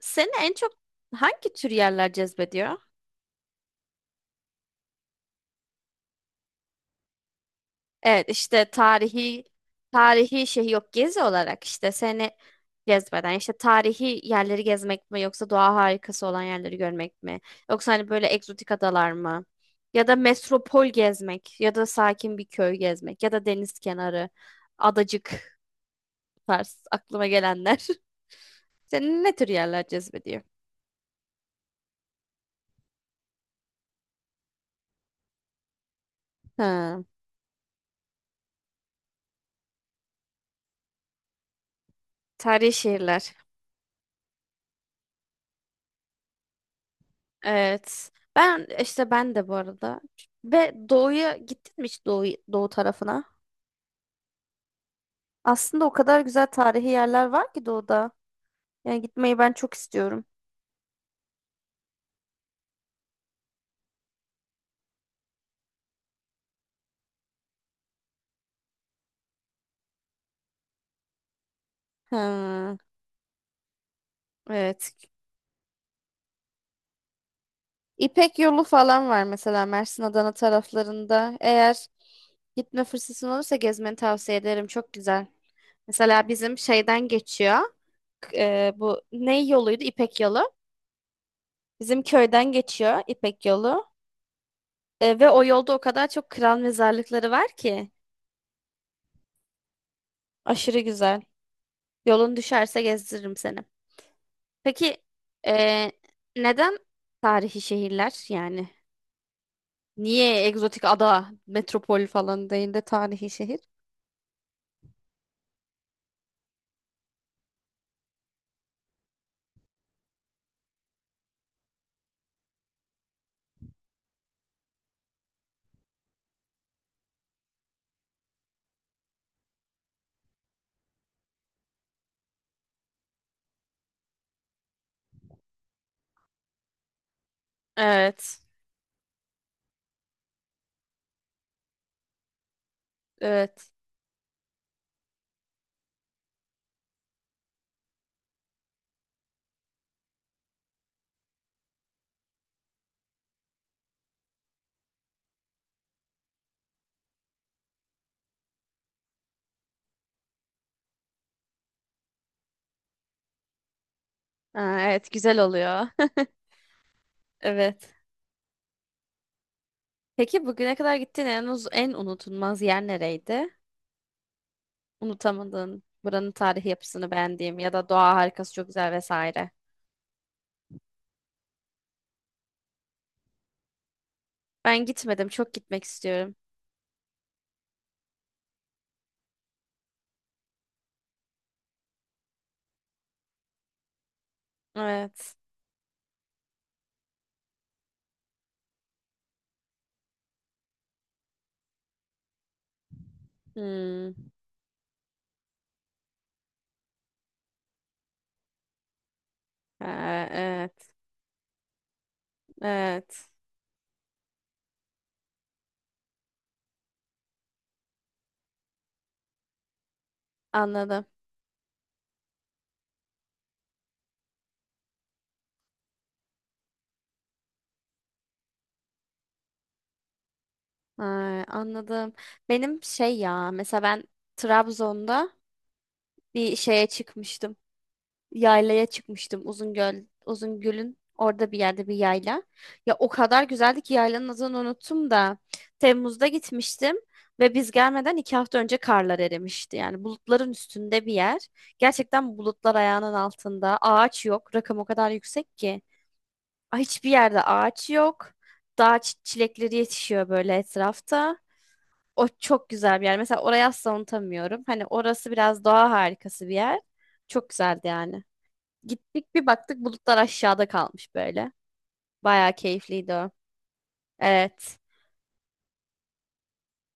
Seni en çok hangi tür yerler cezbediyor? Evet işte tarihi şey yok gezi olarak işte seni cezbeden işte tarihi yerleri gezmek mi yoksa doğa harikası olan yerleri görmek mi? Yoksa hani böyle egzotik adalar mı? Ya da metropol gezmek ya da sakin bir köy gezmek ya da deniz kenarı adacık tarz aklıma gelenler. Seni ne tür yerler cezbediyor? Ha, tarihi şehirler. Evet. Ben işte ben de bu arada. Ve doğuya gittin mi hiç doğu tarafına? Aslında o kadar güzel tarihi yerler var ki doğuda. Yani gitmeyi ben çok istiyorum. Ha, evet. İpek yolu falan var mesela Mersin Adana taraflarında. Eğer gitme fırsatın olursa gezmeni tavsiye ederim. Çok güzel. Mesela bizim şeyden geçiyor. Bu ne yoluydu? İpek yolu. Bizim köyden geçiyor İpek yolu. Ve o yolda o kadar çok kral mezarlıkları var ki. Aşırı güzel. Yolun düşerse gezdiririm seni. Peki eee, neden tarihi şehirler yani? Niye egzotik ada, metropol falan değil de tarihi şehir? Evet. Evet. Ha, evet güzel oluyor. Evet. Peki bugüne kadar gittiğin en unutulmaz yer nereydi? Unutamadığın, buranın tarihi yapısını beğendiğim ya da doğa harikası çok güzel vesaire. Ben gitmedim, çok gitmek istiyorum. Evet. Hmm. Ee, Evet, evet. Anladım. Ay, anladım. Benim şey ya, mesela ben Trabzon'da bir şeye çıkmıştım. Yaylaya çıkmıştım Uzungöl, Uzungöl'ün orada bir yerde bir yayla. Ya o kadar güzeldi ki yaylanın adını unuttum da Temmuz'da gitmiştim ve biz gelmeden 2 hafta önce karlar erimişti. Yani bulutların üstünde bir yer. Gerçekten bulutlar ayağının altında. Ağaç yok. Rakım o kadar yüksek ki. Ay, hiçbir yerde ağaç yok. Dağ çilekleri yetişiyor böyle etrafta. O çok güzel bir yer. Mesela orayı asla unutamıyorum. Hani orası biraz doğa harikası bir yer. Çok güzeldi yani. Gittik bir baktık bulutlar aşağıda kalmış böyle. Bayağı keyifliydi o. Evet.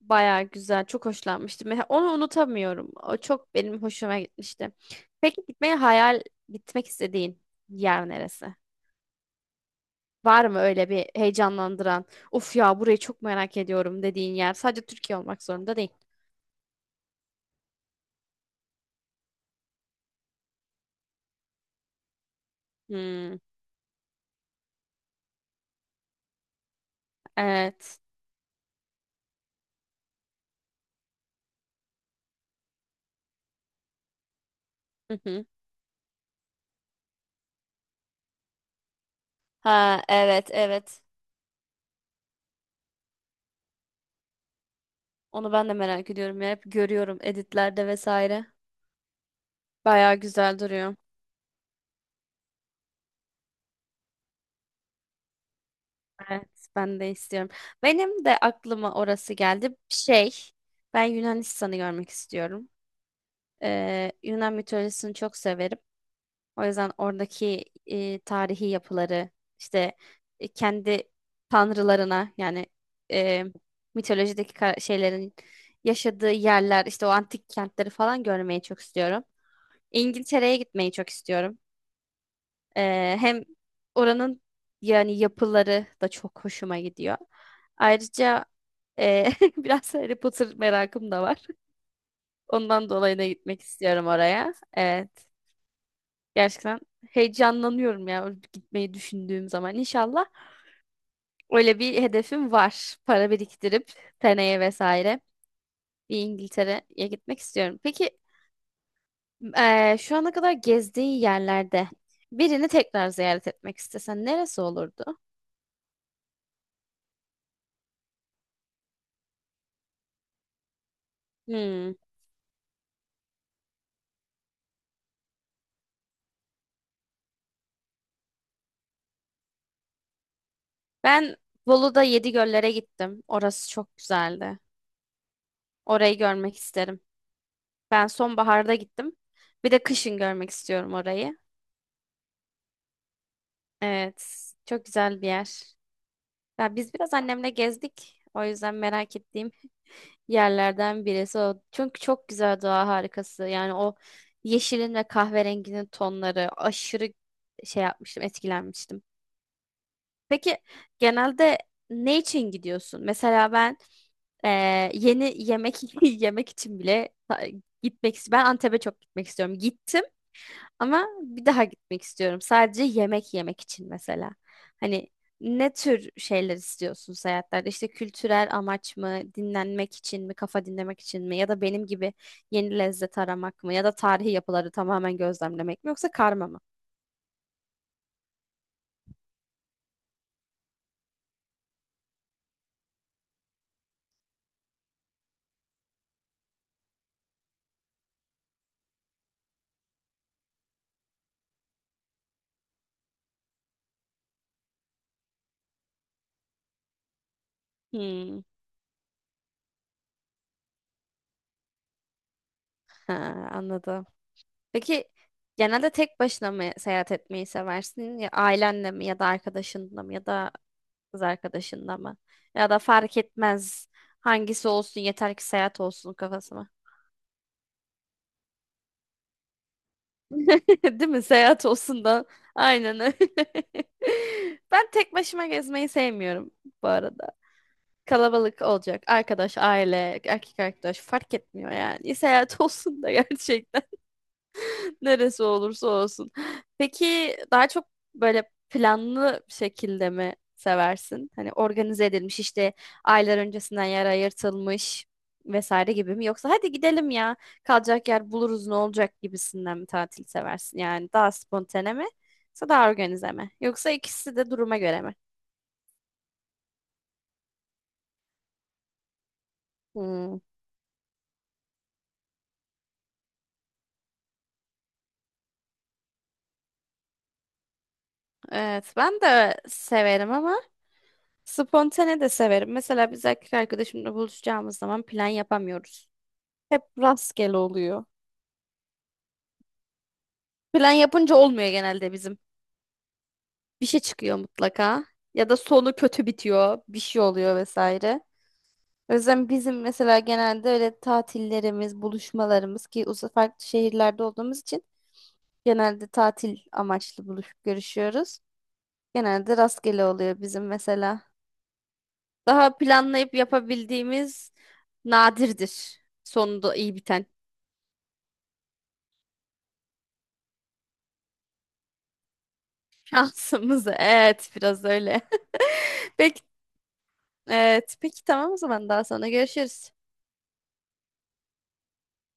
Bayağı güzel. Çok hoşlanmıştım. Mesela onu unutamıyorum. O çok benim hoşuma gitmişti. Peki gitmeyi hayal gitmek istediğin yer neresi? Var mı öyle bir heyecanlandıran, of ya burayı çok merak ediyorum dediğin yer? Sadece Türkiye olmak zorunda değil. Hmm, evet. Hı hı. Ha, evet, evet. Onu ben de merak ediyorum ya. Hep görüyorum editlerde vesaire. Bayağı güzel duruyor. Evet, ben de istiyorum. Benim de aklıma orası geldi. Şey, ben Yunanistan'ı görmek istiyorum. Yunan mitolojisini çok severim. O yüzden oradaki tarihi yapıları, işte kendi tanrılarına yani e, mitolojideki şeylerin yaşadığı yerler, işte o antik kentleri falan görmeyi çok istiyorum. İngiltere'ye gitmeyi çok istiyorum. Hem oranın yani yapıları da çok hoşuma gidiyor. Ayrıca e, biraz Harry Potter merakım da var. Ondan dolayı da gitmek istiyorum oraya. Evet. Gerçekten heyecanlanıyorum ya gitmeyi düşündüğüm zaman. İnşallah öyle bir hedefim var. Para biriktirip seneye vesaire bir İngiltere'ye gitmek istiyorum. Peki şu ana kadar gezdiğin yerlerde birini tekrar ziyaret etmek istesen neresi olurdu? Hmm. Ben Bolu'da Yedigöller'e gittim. Orası çok güzeldi. Orayı görmek isterim. Ben sonbaharda gittim. Bir de kışın görmek istiyorum orayı. Evet, çok güzel bir yer. Ya biz biraz annemle gezdik. O yüzden merak ettiğim yerlerden birisi o. Çünkü çok güzel doğa harikası. Yani o yeşilin ve kahverenginin tonları aşırı şey yapmıştım, etkilenmiştim. Peki genelde ne için gidiyorsun? Mesela ben e, yeni yemek yemek için bile gitmek istiyorum. Ben Antep'e çok gitmek istiyorum. Gittim ama bir daha gitmek istiyorum. Sadece yemek yemek için mesela. Hani ne tür şeyler istiyorsun seyahatlerde? İşte kültürel amaç mı, dinlenmek için mi, kafa dinlemek için mi? Ya da benim gibi yeni lezzet aramak mı? Ya da tarihi yapıları tamamen gözlemlemek mi? Yoksa karma mı? Hmm, ha, anladım. Peki genelde tek başına mı seyahat etmeyi seversin? Ya ailenle mi ya da arkadaşınla mı ya da kız arkadaşınla mı? Ya da fark etmez hangisi olsun yeter ki seyahat olsun kafasına. Değil mi? Seyahat olsun da aynen öyle. Ben tek başıma gezmeyi sevmiyorum bu arada. Kalabalık olacak. Arkadaş, aile, erkek arkadaş fark etmiyor yani. Seyahat olsun da gerçekten. Neresi olursa olsun. Peki daha çok böyle planlı bir şekilde mi seversin? Hani organize edilmiş işte aylar öncesinden yer ayırtılmış vesaire gibi mi? Yoksa hadi gidelim ya kalacak yer buluruz ne olacak gibisinden mi tatil seversin? Yani daha spontane mi? Yoksa daha organize mi? Yoksa ikisi de duruma göre mi? Hmm, evet ben de severim ama spontane de severim. Mesela biz erkek arkadaşımla buluşacağımız zaman plan yapamıyoruz. Hep rastgele oluyor. Plan yapınca olmuyor genelde bizim. Bir şey çıkıyor mutlaka. Ya da sonu kötü bitiyor. Bir şey oluyor vesaire. O yüzden bizim mesela genelde öyle tatillerimiz, buluşmalarımız ki farklı şehirlerde olduğumuz için genelde tatil amaçlı buluşup görüşüyoruz. Genelde rastgele oluyor bizim mesela. Daha planlayıp yapabildiğimiz nadirdir. Sonunda iyi biten. Şansımız evet biraz öyle. Peki, evet, peki tamam o zaman daha sonra görüşürüz.